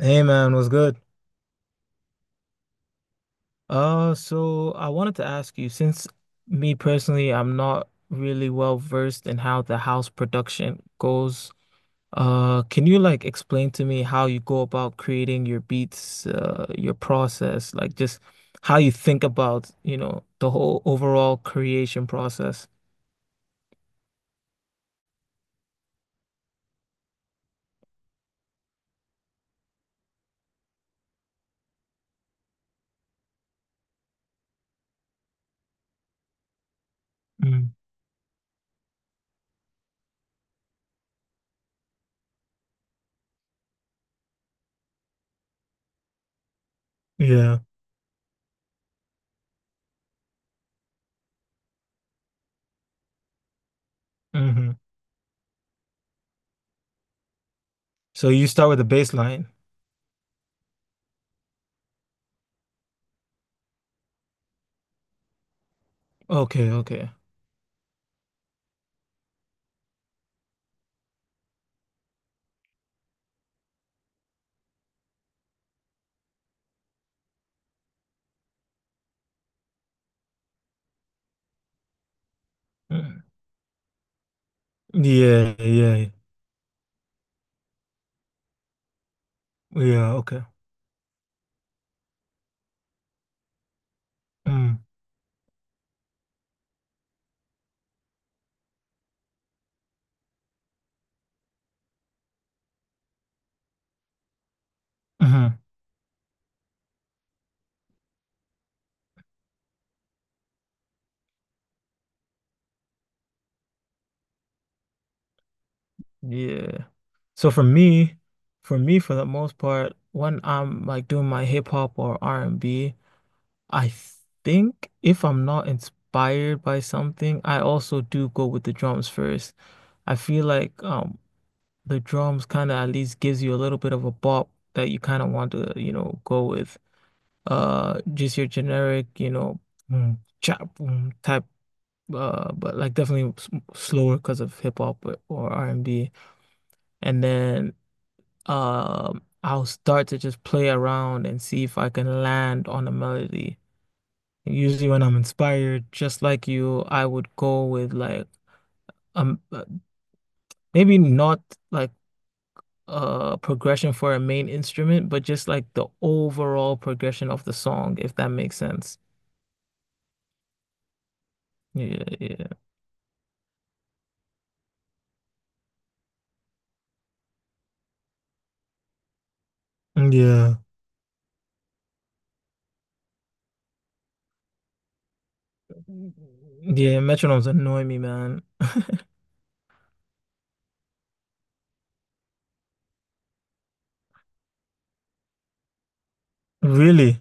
Hey man, what's good? So I wanted to ask you, since me personally, I'm not really well versed in how the house production goes. Can you like explain to me how you go about creating your beats, your process, like just how you think about, you know, the whole overall creation process? Mm, yeah. Hmm. So you start with the baseline. Okay, okay. Mm. Yeah, yeah, yeah, okay. Mm. Hmm. Yeah. So for me, for me, for the most part, when I'm like doing my hip hop or r and B, I think if I'm not inspired by something, I also do go with the drums first. I feel like the drums kind of at least gives you a little bit of a bop that you kind of want to, you know, go with. Just your generic, you know, mm, chop mm, type. But like definitely s slower because of hip hop or R&B, and B, and then I'll start to just play around and see if I can land on a melody. Usually when I'm inspired, just like you, I would go with like um uh, maybe not like a progression for a main instrument, but just like the overall progression of the song, if that makes sense. Yeah, yeah. Yeah. Yeah, metronomes annoy me, man. Really?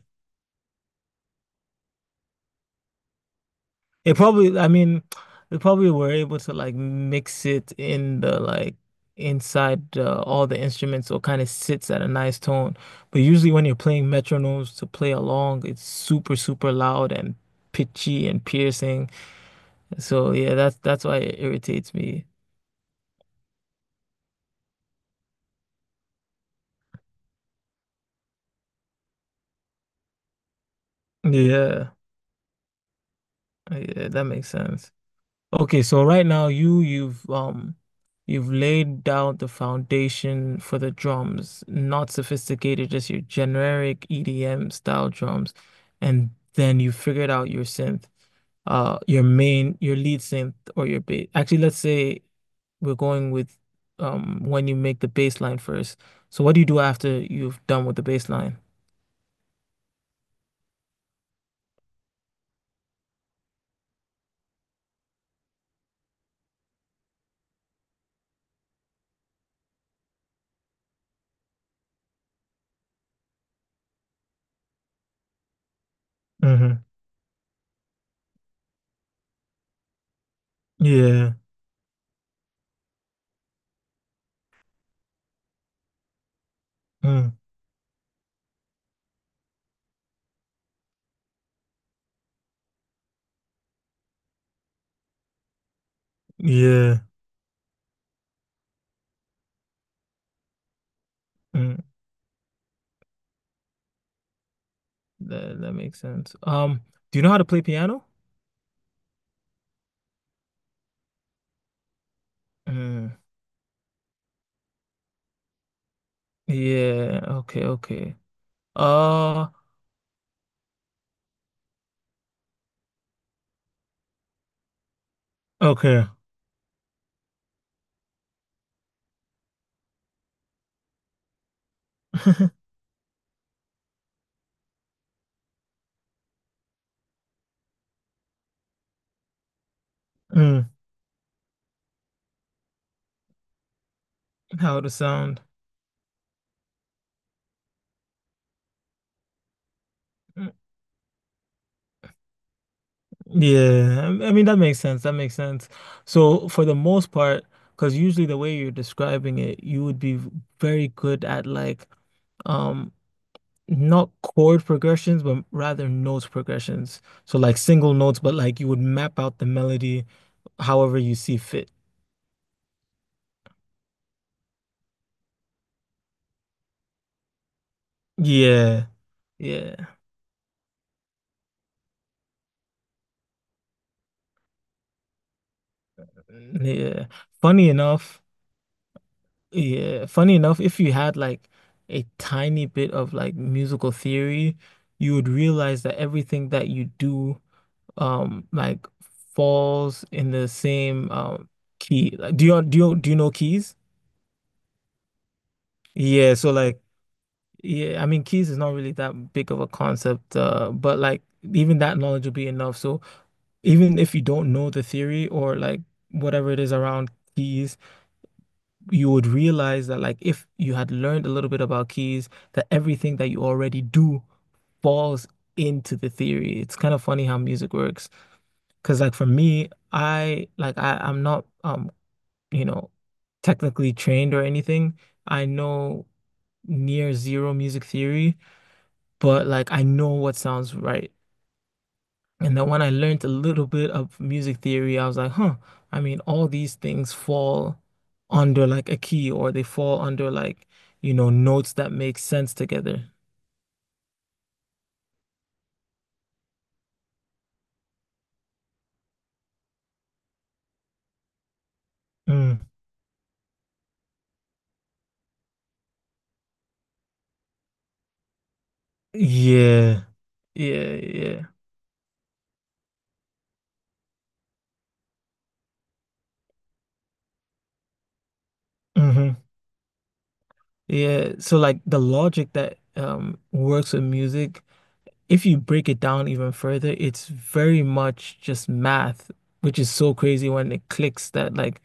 It probably, I mean, they probably were able to like mix it in the like inside all the instruments, so it kind of sits at a nice tone. But usually, when you're playing metronomes to play along, it's super, super loud and pitchy and piercing. So yeah, that's why it irritates me. Yeah, yeah, that makes sense. Okay, so right now you've you've laid down the foundation for the drums, not sophisticated, just your generic EDM style drums, and then you figured out your synth your main your lead synth or your bass, actually let's say we're going with when you make the bass line first, so what do you do after you've done with the bass line? Hmm. Yeah. Mm, yeah. Mm, that, that makes sense. Do you know how to play piano? Mm. Yeah. Okay, okay. Uh, okay. Mm, how to sound. Mm. Yeah, I mean that makes sense. That makes sense. So for the most part, because usually the way you're describing it, you would be very good at like um not chord progressions, but rather note progressions. So like single notes, but like you would map out the melody however you see fit. Yeah, yeah, yeah. Funny enough. Yeah, funny enough, if you had like a tiny bit of like musical theory, you would realize that everything that you do like falls in the same key. Like, do you know keys? Yeah, so like yeah, I mean keys is not really that big of a concept, but like even that knowledge will be enough. So even if you don't know the theory or like whatever it is around keys, you would realize that like if you had learned a little bit about keys, that everything that you already do falls into the theory. It's kind of funny how music works. Cause like for me, I'm not you know, technically trained or anything. I know near zero music theory, but like I know what sounds right. And then when I learned a little bit of music theory, I was like, huh, I mean, all these things fall under like a key, or they fall under like, you know, notes that make sense together. Mm. Yeah. Yeah, yeah. Hmm. Yeah. So like the logic that works with music, if you break it down even further, it's very much just math, which is so crazy when it clicks that like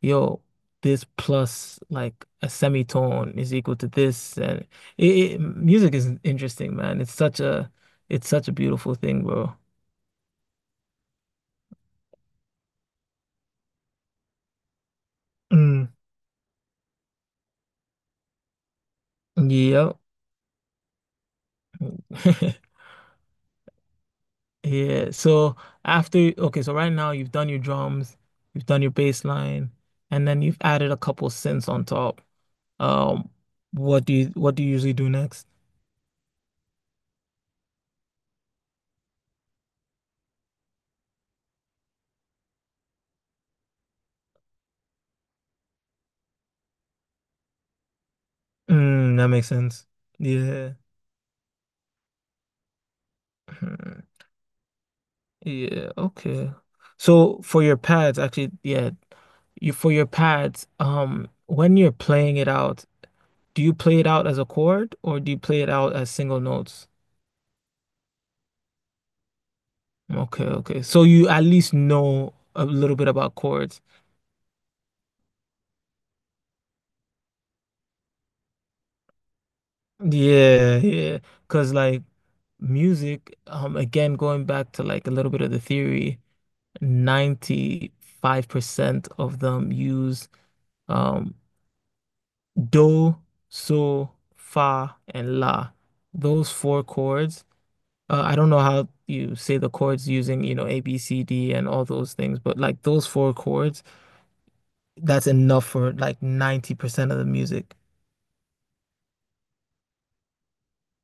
yo, this plus like a semitone is equal to this, and it, music is interesting, man. It's such a beautiful thing, bro. Mm. Yep. Yeah. So after, okay, so right now you've done your drums, you've done your bass line, and then you've added a couple synths on top. Um, what do you usually do next? Mm, that makes sense. Yeah. Hmm. Yeah, okay. So for your pads, actually, yeah, you for your pads, when you're playing it out, do you play it out as a chord or do you play it out as single notes? Okay, okay. So you at least know a little bit about chords. Yeah, yeah. Because like music, again, going back to like a little bit of the theory, 95% of them use um do, so, fa, and la. Those four chords. I don't know how you say the chords using, you know, A, B, C, D, and all those things, but like those four chords, that's enough for like 90% of the music.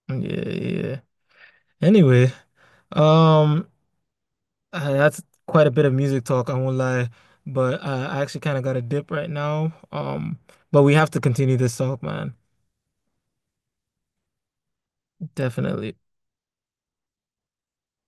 Yeah, yeah, yeah. Anyway, um, that's quite a bit of music talk, I won't lie, but I actually kind of got a dip right now. But we have to continue this talk, man. Definitely.